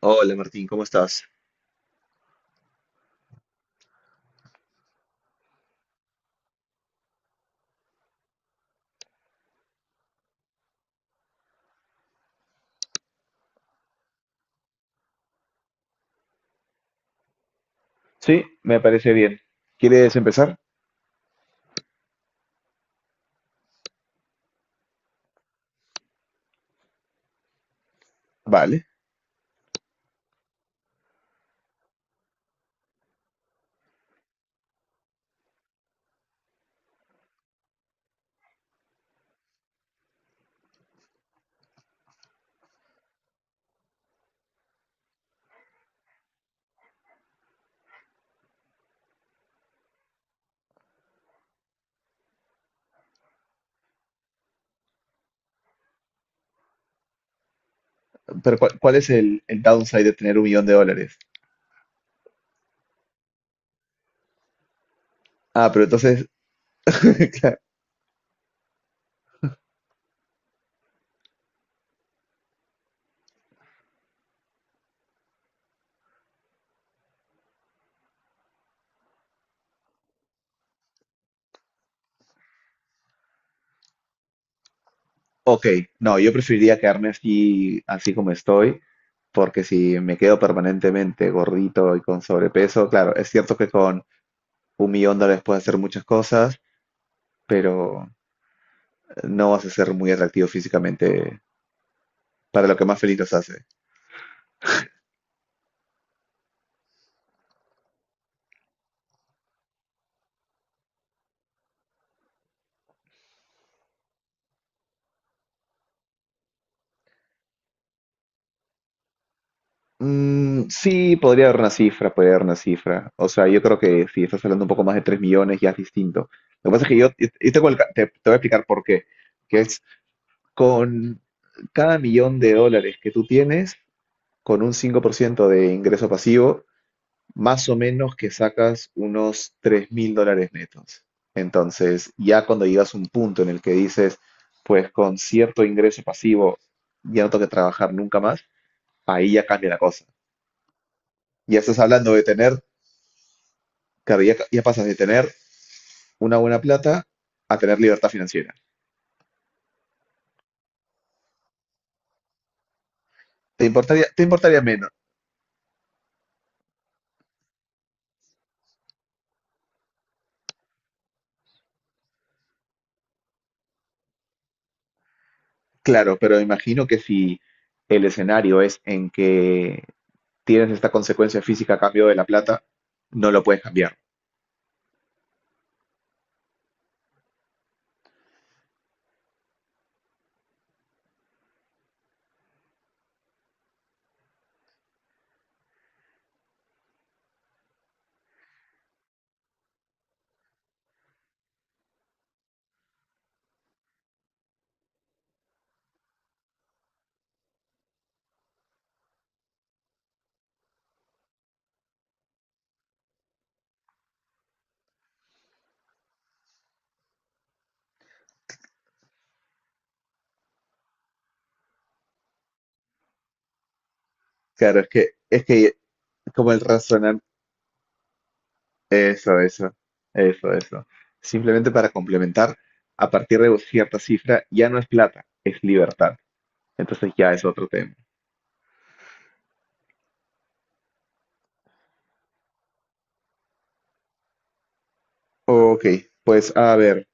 Hola Martín, ¿cómo estás? Sí, me parece bien. ¿Quieres empezar? Vale, pero ¿¿cuál es el downside de tener $1 millón? Ah, pero entonces, ok, no, yo preferiría quedarme así como estoy, porque si me quedo permanentemente gordito y con sobrepeso, claro, es cierto que con $1 millón puedes hacer muchas cosas, pero no vas a ser muy atractivo físicamente para lo que más feliz los hace. Mm, sí, podría dar una cifra. O sea, yo creo que si estás hablando un poco más de 3 millones ya es distinto. Lo que pasa es que yo tengo el te, te voy a explicar por qué, que es con cada $1 millón que tú tienes, con un 5% de ingreso pasivo, más o menos que sacas unos $3.000 netos. Entonces, ya cuando llegas a un punto en el que dices, pues con cierto ingreso pasivo ya no tengo que trabajar nunca más, ahí ya cambia la cosa. Ya estás hablando de tener. Claro, ya pasas de tener una buena plata a tener libertad financiera. ¿Te importaría menos? Claro, pero imagino que si el escenario es en que tienes esta consecuencia física a cambio de la plata, no lo puedes cambiar. Claro, es que como el razonar, eso, eso, eso. Simplemente para complementar, a partir de cierta cifra ya no es plata, es libertad. Entonces ya es otro tema. Ok, pues a ver,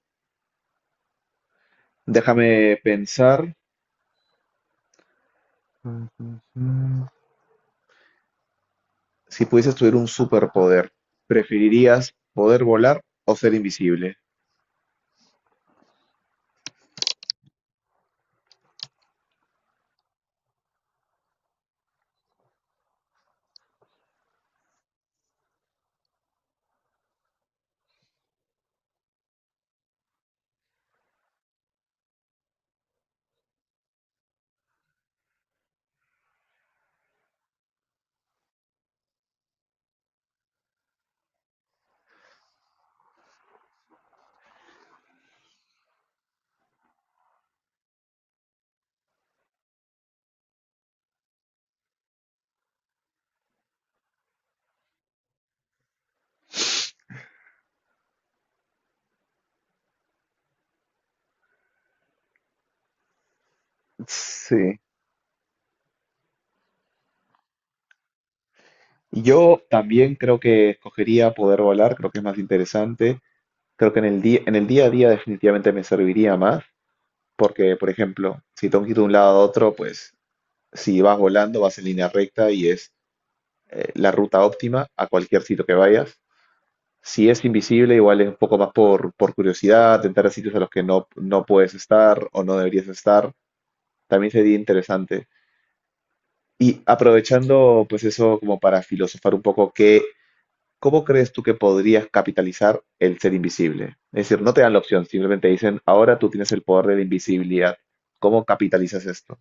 déjame pensar. Ujú. Si pudieses tener un superpoder, ¿preferirías poder volar o ser invisible? Sí. Yo también creo que escogería poder volar, creo que es más interesante. Creo que en el día a día definitivamente me serviría más, porque, por ejemplo, si tengo que ir de un lado a otro, pues si vas volando, vas en línea recta y es la ruta óptima a cualquier sitio que vayas. Si es invisible, igual es un poco más por curiosidad, entrar a sitios a los que no, no puedes estar o no deberías estar. También sería interesante. Y aprovechando pues eso como para filosofar un poco, ¿cómo crees tú que podrías capitalizar el ser invisible? Es decir, no te dan la opción, simplemente dicen, ahora tú tienes el poder de la invisibilidad. ¿Cómo capitalizas esto?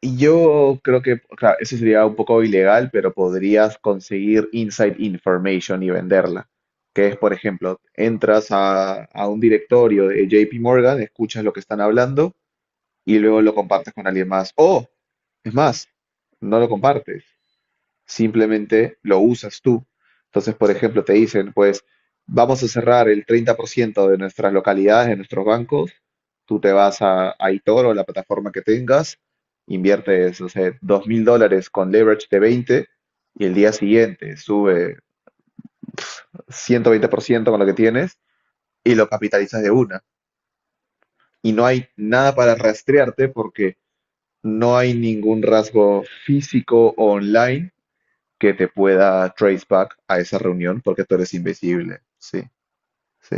Y yo creo que, claro, eso sería un poco ilegal, pero podrías conseguir inside information y venderla. Que es, por ejemplo, entras a un directorio de JP Morgan, escuchas lo que están hablando y luego lo compartes con alguien más. O, es más, no lo compartes, simplemente lo usas tú. Entonces, por ejemplo, te dicen, pues, vamos a cerrar el 30% de nuestras localidades, de nuestros bancos, tú te vas a eToro, la plataforma que tengas, inviertes, no sé, $2.000 con leverage de 20 y el día siguiente sube 120% con lo que tienes y lo capitalizas de una. Y no hay nada para rastrearte porque no hay ningún rasgo físico o online que te pueda trace back a esa reunión porque tú eres invisible. Sí, sí.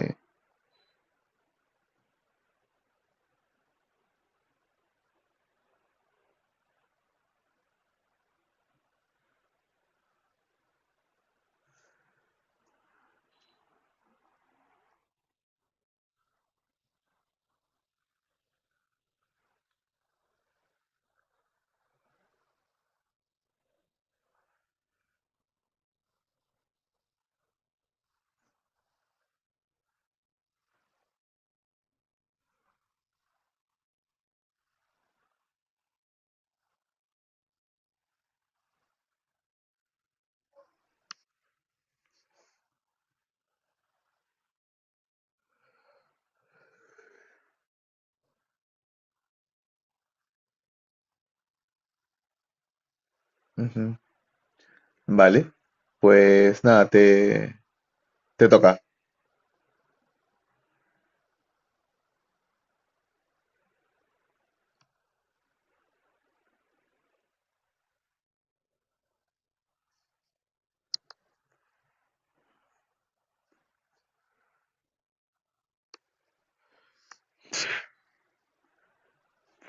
Ujú. Vale. Pues nada, te toca.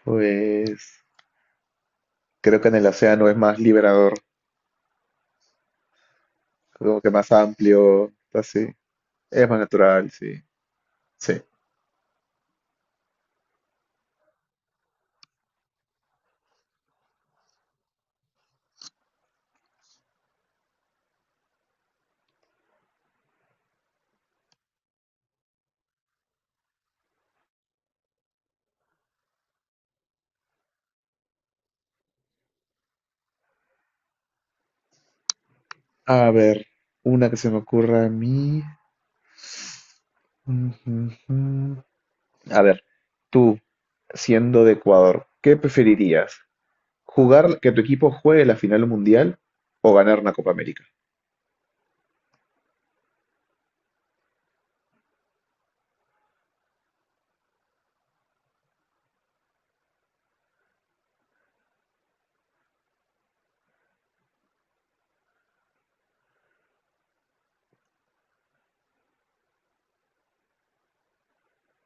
Pues creo que en el océano es más liberador, como que más amplio, así. Es más natural, sí. Sí. A ver, una que se me ocurra a mí. Ujú, ujú. A ver, tú, siendo de Ecuador, ¿qué preferirías? Jugar que tu equipo juegue la final mundial o ganar una Copa América.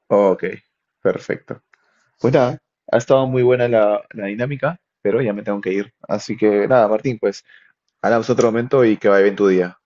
Ok, perfecto. Pues nada, ha estado muy buena la dinámica, pero ya me tengo que ir. Así que nada, Martín, pues hablamos otro momento y que vaya bien tu día.